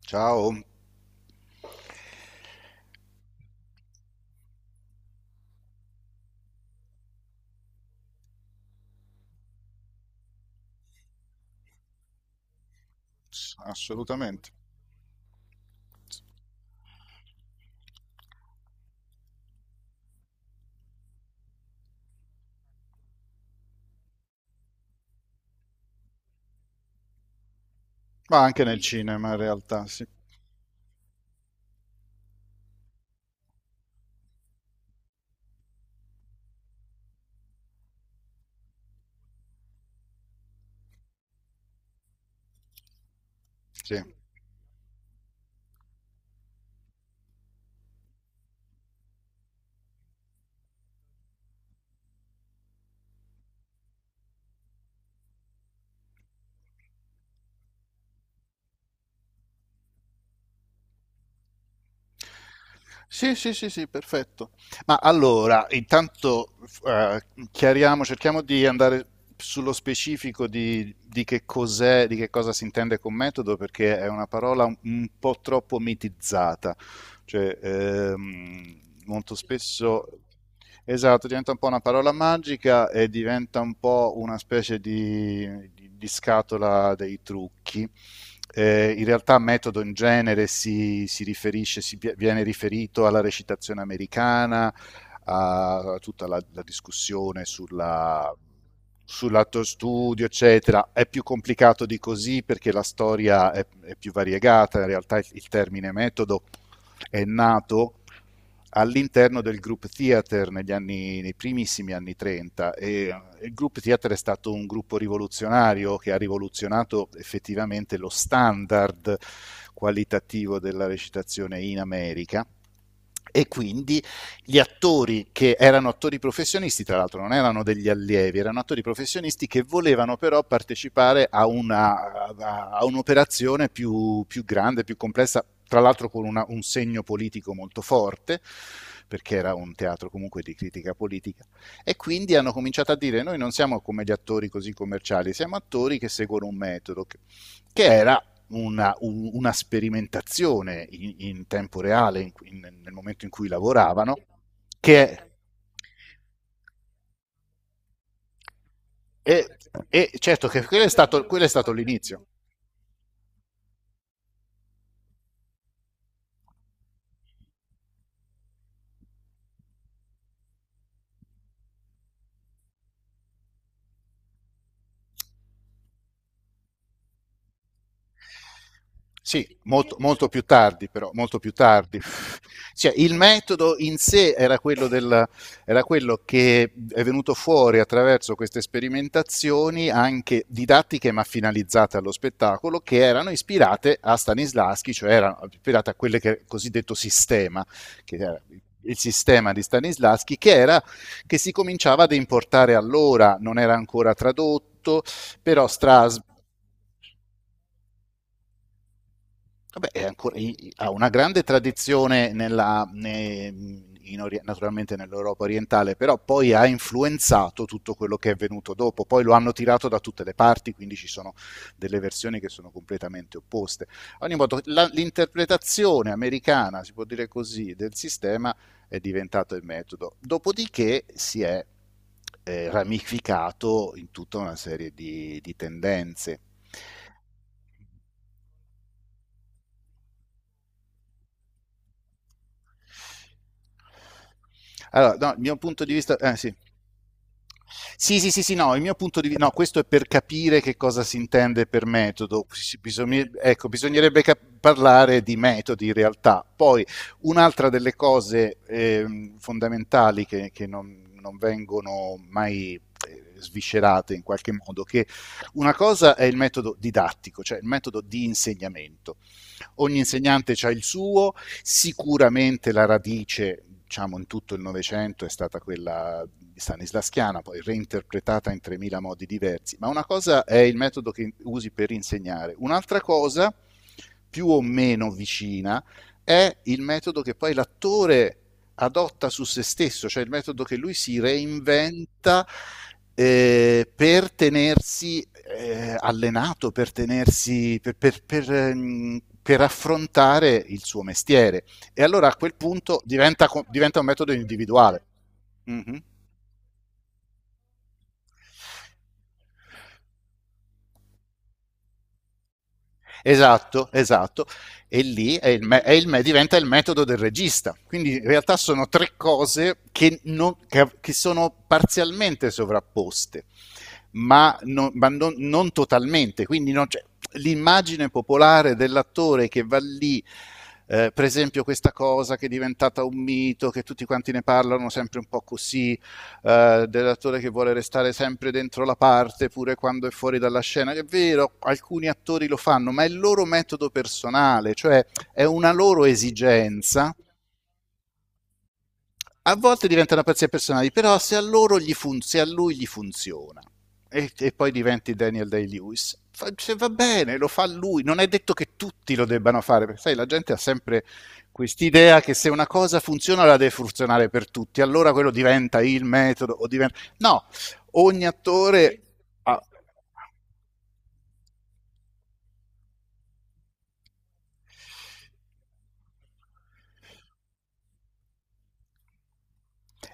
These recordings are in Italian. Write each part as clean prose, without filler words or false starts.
Ciao. Assolutamente. Ma anche nel cinema in realtà, sì. Sì, sì, sì, sì, sì, perfetto. Ma allora, intanto eh, chiariamo, cerchiamo di andare sullo specifico di che cos'è, di che cosa si intende con metodo, perché è una parola un po' troppo mitizzata. Cioè, molto spesso... Esatto, diventa un po' una parola magica e diventa un po' una specie di scatola dei trucchi. In realtà metodo in genere si riferisce, si viene riferito alla recitazione americana, a tutta la discussione sulla, sull'atto studio, eccetera. È più complicato di così perché la storia è più variegata, in realtà il termine metodo è nato all'interno del Group Theater negli anni, nei primissimi anni 30 e il Group Theater è stato un gruppo rivoluzionario che ha rivoluzionato effettivamente lo standard qualitativo della recitazione in America e quindi gli attori, che erano attori professionisti, tra l'altro non erano degli allievi, erano attori professionisti che volevano però partecipare a un'operazione grande, più complessa, tra l'altro con un segno politico molto forte perché era un teatro comunque di critica politica, e quindi hanno cominciato a dire: noi non siamo come gli attori così commerciali, siamo attori che seguono un metodo che era una sperimentazione in tempo reale nel momento in cui lavoravano, che è, e- e certo che quello è stato l'inizio. Sì, molto, molto più tardi, però, molto più tardi. Cioè, il metodo in sé era quello, era quello che è venuto fuori attraverso queste sperimentazioni, anche didattiche ma finalizzate allo spettacolo, che erano ispirate a Stanislavski, cioè erano ispirate a quelle che cosiddetto sistema, che era il sistema di Stanislavski, che era, che si cominciava ad importare allora, non era ancora tradotto, però Strasbourg... Vabbè, è ha una grande tradizione naturalmente nell'Europa orientale, però poi ha influenzato tutto quello che è venuto dopo. Poi lo hanno tirato da tutte le parti, quindi ci sono delle versioni che sono completamente opposte. Ad ogni modo, l'interpretazione americana, si può dire così, del sistema è diventato il metodo. Dopodiché si è ramificato in tutta una serie di tendenze. Allora, no, il mio punto di vista... sì. Sì, sì, sì, sì, no, il mio punto di vista... No, questo è per capire che cosa si intende per metodo. Ecco, parlare di metodi in realtà. Poi, un'altra delle cose fondamentali che non vengono mai sviscerate in qualche modo, che una cosa è il metodo didattico, cioè il metodo di insegnamento. Ogni insegnante ha il suo, sicuramente la radice, diciamo, in tutto il Novecento è stata quella di Stanislaschiana, poi reinterpretata in 3000 modi diversi, ma una cosa è il metodo che usi per insegnare, un'altra cosa, più o meno vicina, è il metodo che poi l'attore adotta su se stesso, cioè il metodo che lui si reinventa per tenersi allenato, per tenersi per affrontare il suo mestiere. E allora a quel punto diventa, diventa un metodo individuale. Mhm. Esatto, esatto. E lì diventa il metodo del regista. Quindi in realtà sono tre cose che, non- che sono parzialmente sovrapposte, ma, non, ma non totalmente. Quindi non c'è, l'immagine popolare dell'attore che va lì, per esempio questa cosa che è diventata un mito, che tutti quanti ne parlano sempre un po' così, dell'attore che vuole restare sempre dentro la parte pure quando è fuori dalla scena. È vero, alcuni attori lo fanno, ma è il loro metodo personale, cioè è una loro esigenza. A volte diventano pezzi personali, però se a, loro gli fun- se a lui gli funziona, e poi diventi Daniel Day-Lewis, cioè, va bene, lo fa lui, non è detto che tutti lo debbano fare, perché sai, la gente ha sempre quest'idea che se una cosa funziona la deve funzionare per tutti, allora quello diventa il metodo o diventa... No, ogni attore ha...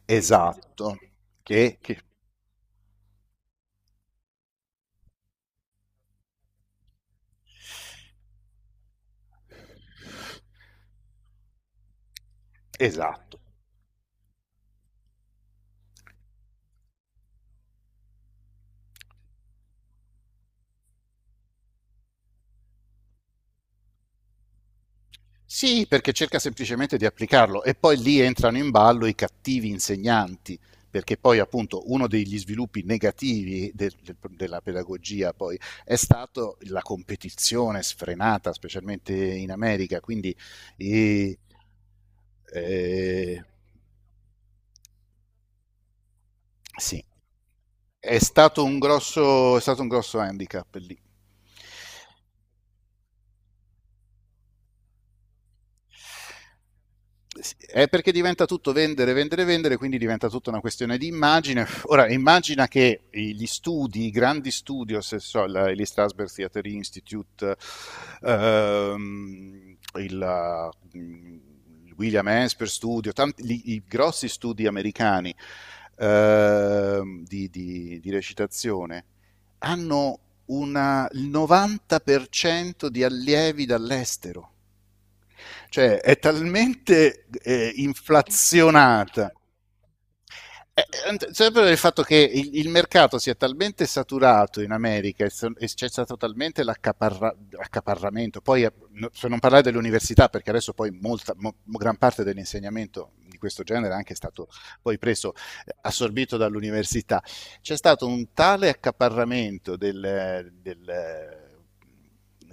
Esatto, che... che... esatto. Sì, perché cerca semplicemente di applicarlo e poi lì entrano in ballo i cattivi insegnanti, perché poi appunto uno degli sviluppi negativi della pedagogia poi è stato la competizione sfrenata, specialmente in America, quindi eh, eh, sì, è stato un grosso, è stato un grosso handicap lì. È perché diventa tutto vendere, vendere, vendere, quindi diventa tutta una questione di immagine. Ora, immagina che gli studi, i grandi studios, gli Strasberg Theatre Institute, il William Esper Studio, i grossi studi americani di recitazione, hanno il 90% di allievi dall'estero. Cioè, è talmente inflazionata, eh, sempre il fatto che il mercato sia talmente saturato in America, e c'è stato talmente l'accaparramento, poi per non parlare dell'università, perché adesso poi gran parte dell'insegnamento di questo genere è anche è stato poi preso, assorbito dall'università, c'è stato un tale accaparramento del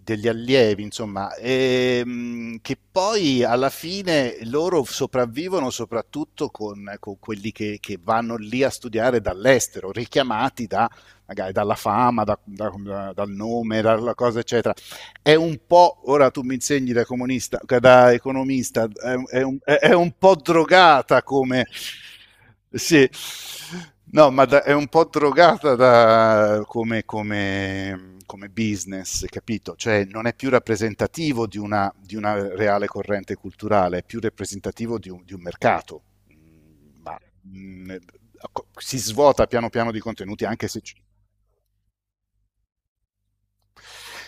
degli allievi, insomma, che poi alla fine loro sopravvivono soprattutto con quelli vanno lì a studiare dall'estero, richiamati magari dalla fama, dal nome, dalla cosa, eccetera. È un po', ora tu mi insegni da comunista, da economista, è un po' drogata come... Sì, no, ma è un po' drogata come business, capito? Cioè non è più rappresentativo di una reale corrente culturale, è più rappresentativo di un mercato. Mm. Ma mm, si svuota piano piano di contenuti, anche se...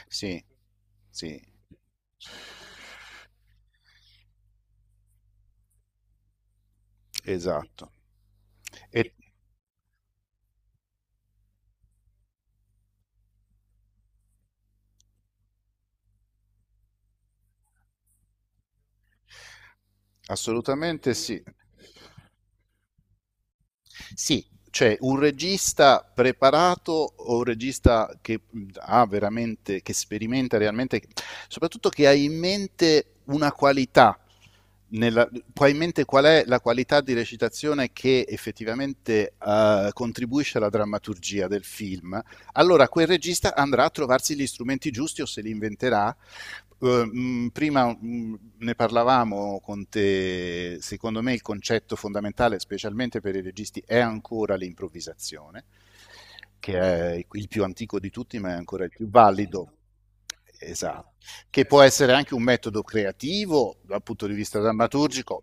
sì, sì. Esatto. E assolutamente sì. Sì, cioè un regista preparato o un regista che ha veramente, che sperimenta realmente, soprattutto che ha in mente una qualità, nella, ha in mente qual è la qualità di recitazione che effettivamente contribuisce alla drammaturgia del film, allora quel regista andrà a trovarsi gli strumenti giusti o se li inventerà. Prima ne parlavamo con te, secondo me il concetto fondamentale, specialmente per i registi, è ancora l'improvvisazione, che è il più antico di tutti, ma è ancora il più valido. Esatto, che può essere anche un metodo creativo dal punto di vista drammaturgico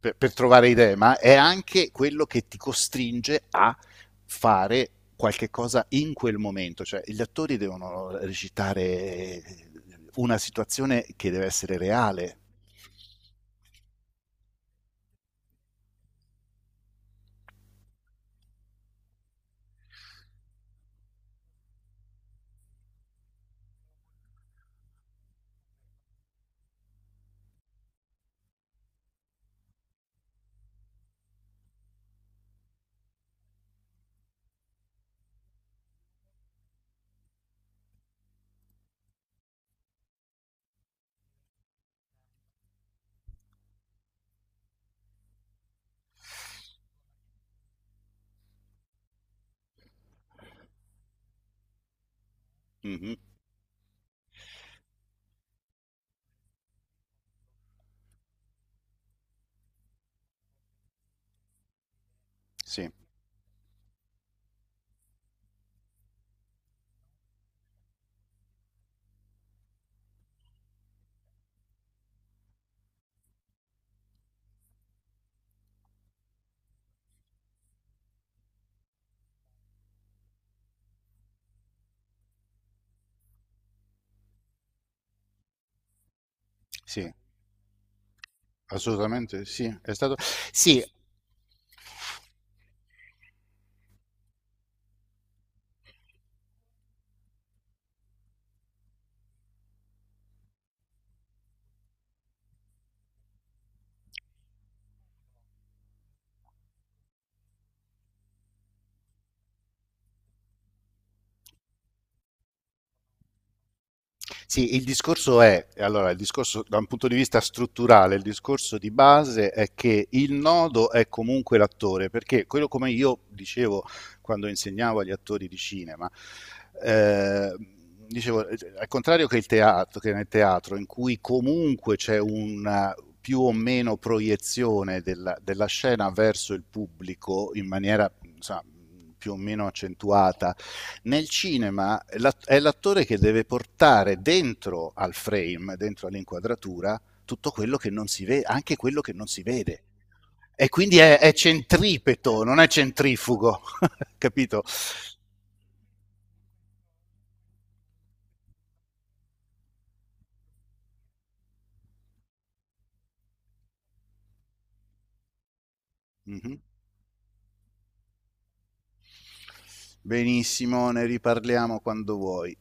per trovare idee, ma è anche quello che ti costringe a fare qualche cosa in quel momento, cioè gli attori devono recitare una situazione che deve essere reale. Mhm. Sì, sì, assolutamente sì. È stato... Sì. Sì, il discorso è, allora, il discorso da un punto di vista strutturale, il discorso di base è che il nodo è comunque l'attore, perché quello, come io dicevo quando insegnavo agli attori di cinema, eh, dicevo, al contrario che il teatro, che nel teatro in cui comunque c'è una più o meno proiezione della, della scena verso il pubblico in maniera, insomma, più o meno accentuata, nel cinema è l'attore che deve portare dentro al frame, dentro all'inquadratura, tutto quello che non si vede, anche quello che non si vede. E quindi è centripeto, non è centrifugo, capito? Mhm. Benissimo, ne riparliamo quando vuoi.